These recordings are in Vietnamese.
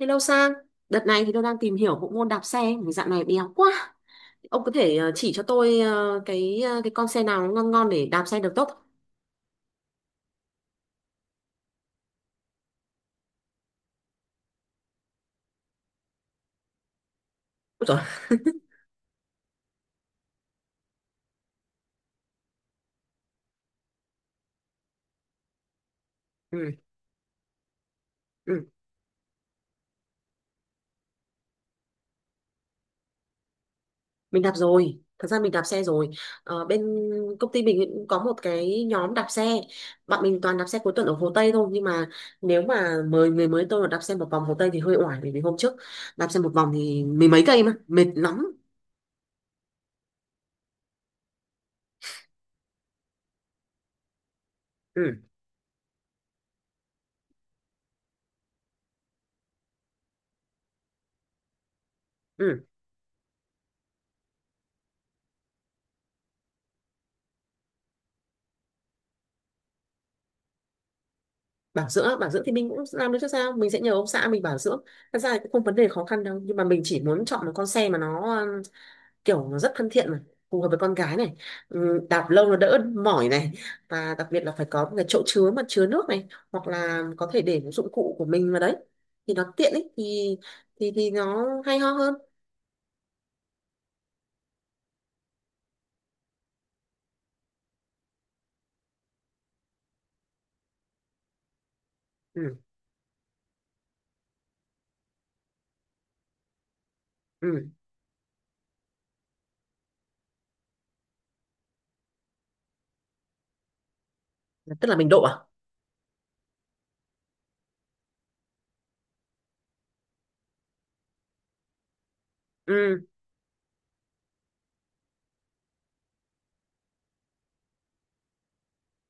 Hello Sang, đợt này thì tôi đang tìm hiểu bộ môn đạp xe, vì dạo này béo quá. Ông có thể chỉ cho tôi cái con xe nào ngon ngon để đạp xe được tốt không? Ôi dồi, ừ, ừ. Mình đạp rồi, thật ra mình đạp xe rồi. Ờ, bên công ty mình cũng có một cái nhóm đạp xe, bọn mình toàn đạp xe cuối tuần ở Hồ Tây thôi. Nhưng mà nếu mà mời người mới tôi mà đạp xe một vòng Hồ Tây thì hơi oải, bởi vì hôm trước đạp xe một vòng thì mười mấy cây mà mệt lắm. Ừ, ừ. Bảo dưỡng thì mình cũng làm được chứ sao, mình sẽ nhờ ông xã mình bảo dưỡng. Thật ra thì cũng không vấn đề khó khăn đâu, nhưng mà mình chỉ muốn chọn một con xe mà nó kiểu nó rất thân thiện mà phù hợp với con gái này. Đạp lâu nó đỡ mỏi này, và đặc biệt là phải có một cái chỗ chứa mà chứa nước này, hoặc là có thể để một dụng cụ của mình vào đấy thì nó tiện ấy, thì nó hay ho hơn. Ừ, ừ. Tức là mình độ à? Ừ,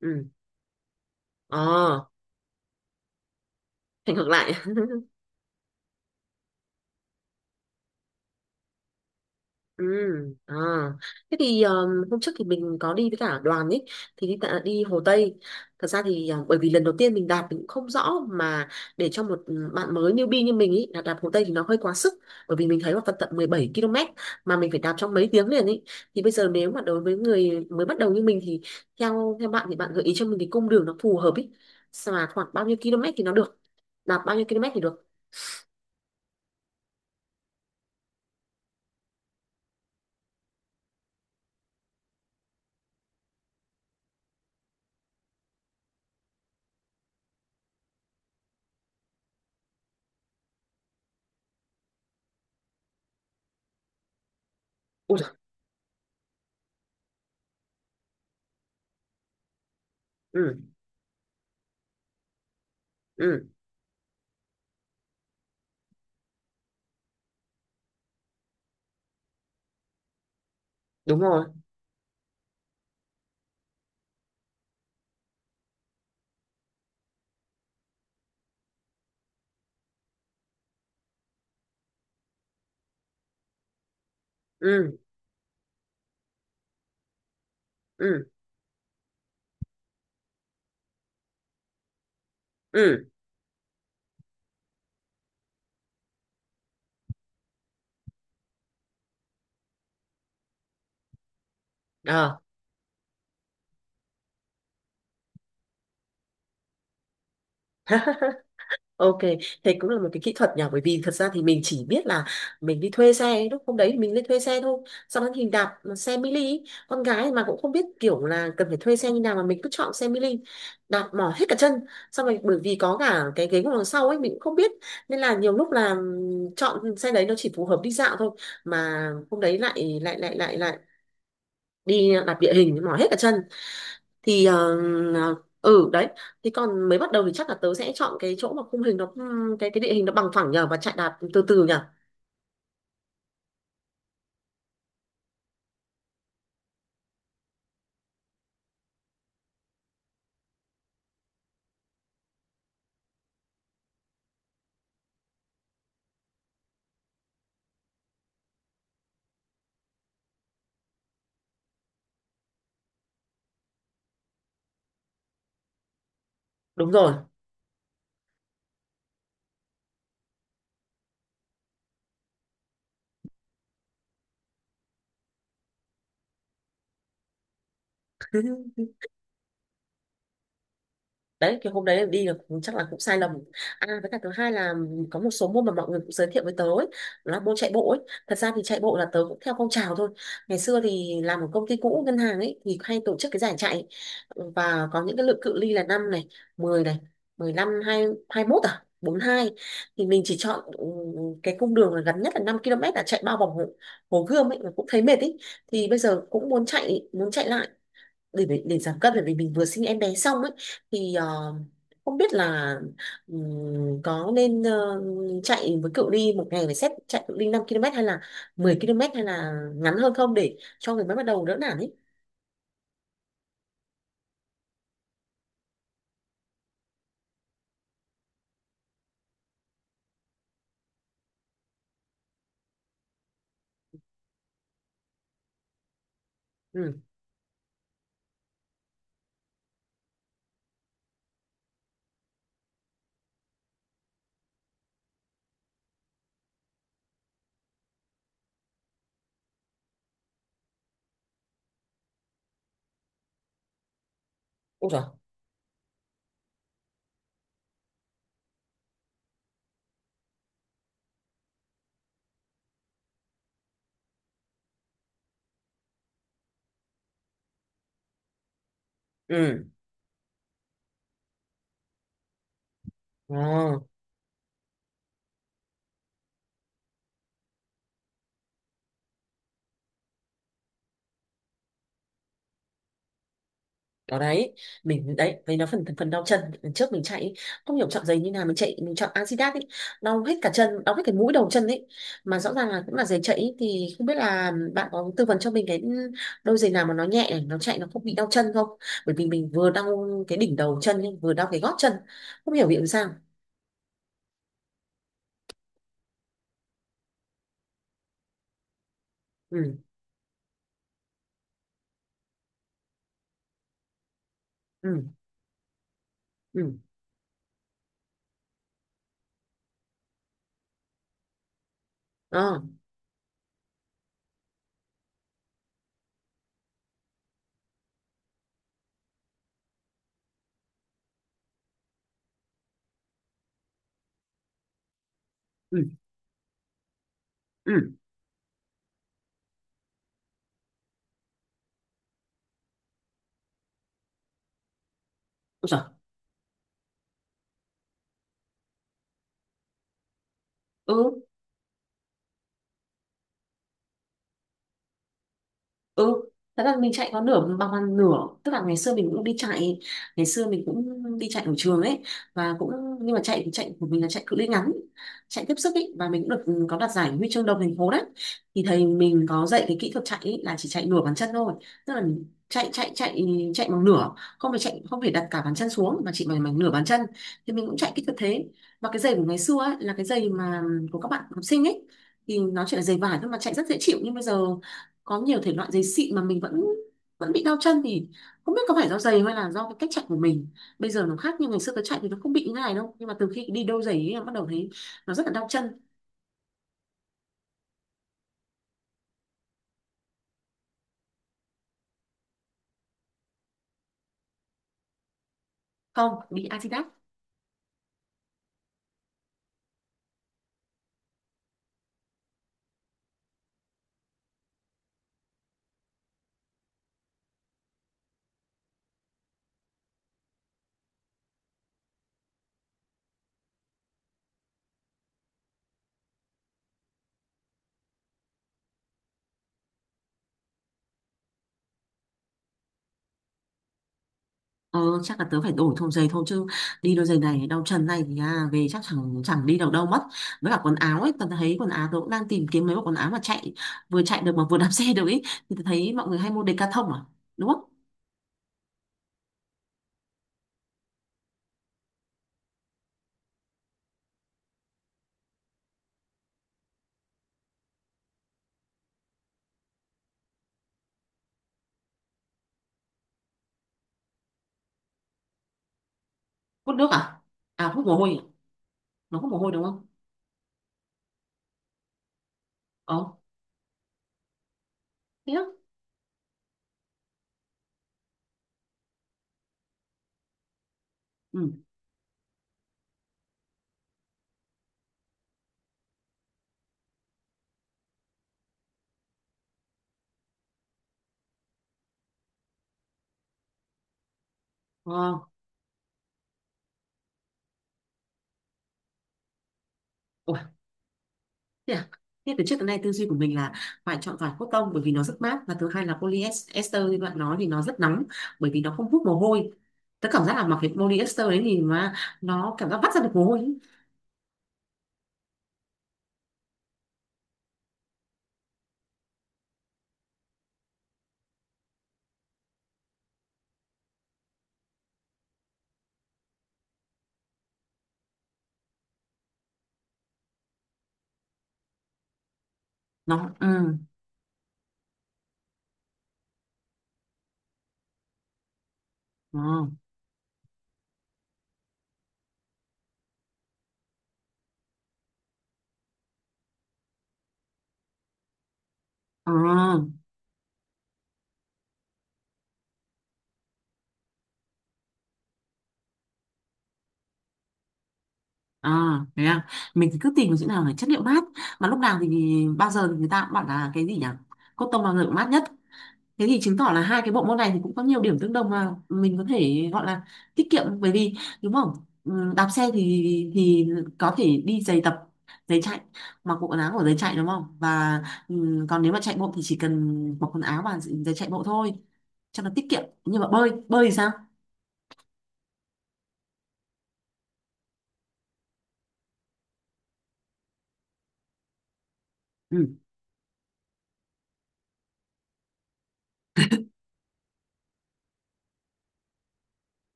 ừ. Ờ, thành ngược lại. Ừ, à. Thế thì hôm trước thì mình có đi với cả đoàn ấy, thì đi Hồ Tây. Thật ra thì bởi vì lần đầu tiên mình đạp mình cũng không rõ, mà để cho một bạn mới newbie như mình ấy đạp, đạp Hồ Tây thì nó hơi quá sức, bởi vì mình thấy là phần tận 17 km mà mình phải đạp trong mấy tiếng liền ấy. Thì bây giờ nếu mà đối với người mới bắt đầu như mình thì theo theo bạn thì bạn gợi ý cho mình cái cung đường nó phù hợp ấy. Sao mà khoảng bao nhiêu km thì nó được? Đạp bao nhiêu km thì được? Ui giời, ừ, ừ, đúng rồi. Ừ, ừ, ừ. Ờ. Ok, thế cũng là một cái kỹ thuật nhỉ, bởi vì thật ra thì mình chỉ biết là mình đi thuê xe ấy, lúc hôm đấy thì mình lên thuê xe thôi, xong đó thì đạp xe mini ý. Con gái mà cũng không biết kiểu là cần phải thuê xe như nào mà mình cứ chọn xe mini, đạp mỏi hết cả chân. Xong rồi bởi vì có cả cái ghế ngồi đằng sau ấy mình cũng không biết, nên là nhiều lúc là chọn xe đấy nó chỉ phù hợp đi dạo thôi, mà hôm đấy lại lại lại lại lại đi đạp địa hình mỏi hết cả chân, thì ờ, ừ đấy. Thì còn mới bắt đầu thì chắc là tớ sẽ chọn cái chỗ mà khung hình nó, cái địa hình nó bằng phẳng nhờ, và chạy đạp từ từ nhờ. Đúng rồi. Đấy, cái hôm đấy đi là chắc là cũng sai lầm. À với cả thứ hai là có một số môn mà mọi người cũng giới thiệu với tớ ấy, là môn chạy bộ ấy. Thật ra thì chạy bộ là tớ cũng theo phong trào thôi. Ngày xưa thì làm ở công ty cũ ngân hàng ấy thì hay tổ chức cái giải chạy, và có những cái lượng cự ly là 5 này, 10 này, 15, hai hai mốt, à bốn hai, thì mình chỉ chọn cái cung đường là gần nhất là 5 km, là chạy bao vòng hồ, hồ Gươm ấy mà cũng thấy mệt ấy. Thì bây giờ cũng muốn chạy, muốn chạy lại để giảm cân bởi vì mình vừa sinh em bé xong ấy, thì không biết là có nên chạy với cự ly một ngày phải xét chạy cự ly 5 km, hay là 10 km, hay là ngắn hơn không để cho người mới bắt đầu đỡ nản ấy. Ừ. Ôi trời. Ừ. Ờ. Đó đấy, mình đấy với nó phần phần đau chân lần trước mình chạy ý, không hiểu chọn giày như nào, mình chạy mình chọn Adidas ấy, đau hết cả chân, đau hết cái mũi đầu chân ấy, mà rõ ràng là cũng là giày chạy ý. Thì không biết là bạn có tư vấn cho mình cái đôi giày nào mà nó nhẹ để nó chạy nó không bị đau chân không, bởi vì mình vừa đau cái đỉnh đầu chân ấy, vừa đau cái gót chân, không hiểu vì làm sao. Ừ, ừ, ừ, ờ, ừ, ừ. Ôi giời. Ừ, ừ. Thật ra mình chạy có nửa bằng bằng nửa, tức là ngày xưa mình cũng đi chạy, ngày xưa mình cũng đi chạy ở trường ấy, và cũng, nhưng mà chạy thì chạy của mình là chạy cự ly ngắn, chạy tiếp sức ấy, và mình cũng được có đạt giải huy chương đồng thành phố đấy. Thì thầy mình có dạy cái kỹ thuật chạy ấy, là chỉ chạy nửa bàn chân thôi, tức là chạy chạy bằng nửa, không phải chạy, không phải đặt cả bàn chân xuống mà chỉ bằng, bằng nửa bàn chân. Thì mình cũng chạy kỹ thuật thế, và cái giày của ngày xưa ấy, là cái giày mà của các bạn học sinh ấy, thì nó chỉ là giày vải thôi mà chạy rất dễ chịu. Nhưng bây giờ có nhiều thể loại giày xịn mà mình vẫn vẫn bị đau chân, thì không biết có phải do giày hay là do cái cách chạy của mình. Bây giờ nó khác, nhưng ngày xưa cái chạy thì nó không bị như này đâu, nhưng mà từ khi đi đôi giày ấy, em bắt đầu thấy nó rất là đau chân. Không, đi Adidas. Ờ chắc là tớ phải đổi thùng giày thôi chứ, đi đôi giày này đau chân này thì à, về chắc chẳng chẳng đi được đâu mất. Với cả quần áo ấy, tớ thấy quần áo tớ cũng đang tìm kiếm mấy bộ quần áo mà chạy, vừa chạy được mà vừa đạp xe được ấy. Thì tớ thấy mọi người hay mua Decathlon à, đúng không? Hút nước à? À hút mồ hôi à? Nó hút mồ hôi đúng không? Ờ, thế á. Ừ. Ờ. Ủa, thế à? Thế từ trước tới nay tư duy của mình là phải chọn vải cotton bởi vì nó rất mát, và thứ hai là polyester như bạn nói thì nó rất nóng bởi vì nó không hút mồ hôi. Tớ cảm giác là mặc cái polyester đấy thì mà nó cảm giác vắt ra được mồ hôi ấy. Nó ừ. Ờ, ờ, ờ, thế à. Mình thì cứ tìm cái chỗ nào là chất liệu mát, mà lúc nào thì, bao giờ thì người ta cũng bảo là cái gì nhỉ? Cotton bao giờ cũng mát nhất. Thế thì chứng tỏ là hai cái bộ môn này thì cũng có nhiều điểm tương đồng mà mình có thể gọi là tiết kiệm, bởi vì đúng không? Ừ, đạp xe thì có thể đi giày tập, giày chạy, mặc bộ quần áo của giày chạy đúng không? Và còn nếu mà chạy bộ thì chỉ cần mặc quần áo và giày chạy bộ thôi cho nó tiết kiệm. Nhưng mà bơi, bơi thì sao? Ừ,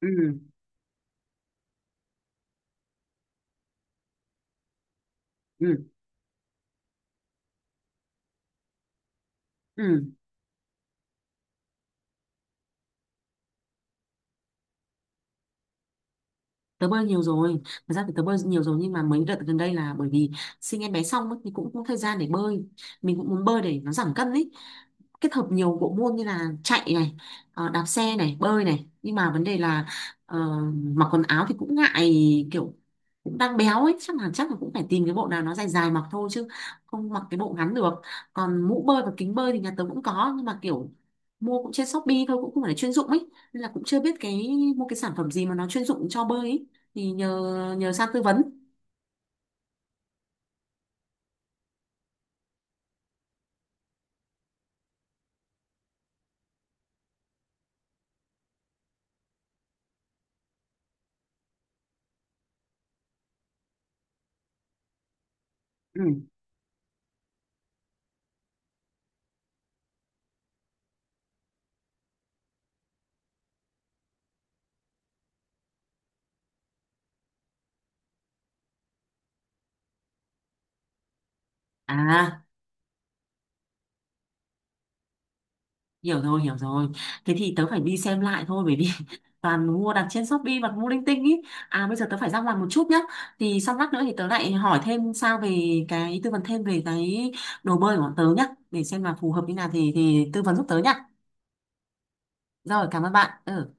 ừ, ừ, ừ. Tớ bơi nhiều rồi, thật ra thì tớ bơi nhiều rồi, nhưng mà mấy đợt gần đây là bởi vì sinh em bé xong ấy, thì cũng không có thời gian để bơi. Mình cũng muốn bơi để nó giảm cân ý, kết hợp nhiều bộ môn như là chạy này, đạp xe này, bơi này, nhưng mà vấn đề là ờ, mặc quần áo thì cũng ngại, kiểu cũng đang béo ấy, chắc là cũng phải tìm cái bộ nào nó dài dài mặc thôi chứ không mặc cái bộ ngắn được. Còn mũ bơi và kính bơi thì nhà tớ cũng có, nhưng mà kiểu mua cũng trên Shopee thôi, cũng không phải là chuyên dụng ấy, nên là cũng chưa biết cái mua cái sản phẩm gì mà nó chuyên dụng cho bơi ấy, thì nhờ, nhờ sang tư vấn. Ừ. À, hiểu rồi, hiểu rồi. Thế thì tớ phải đi xem lại thôi bởi vì toàn mua đặt trên Shopee và mua linh tinh ý. À bây giờ tớ phải ra ngoài một chút nhá, thì xong lát nữa thì tớ lại hỏi thêm sao về cái, tư vấn thêm về cái đồ bơi của bọn tớ nhá, để xem là phù hợp như nào thì tư vấn giúp tớ nhá. Rồi, cảm ơn bạn. Ừ.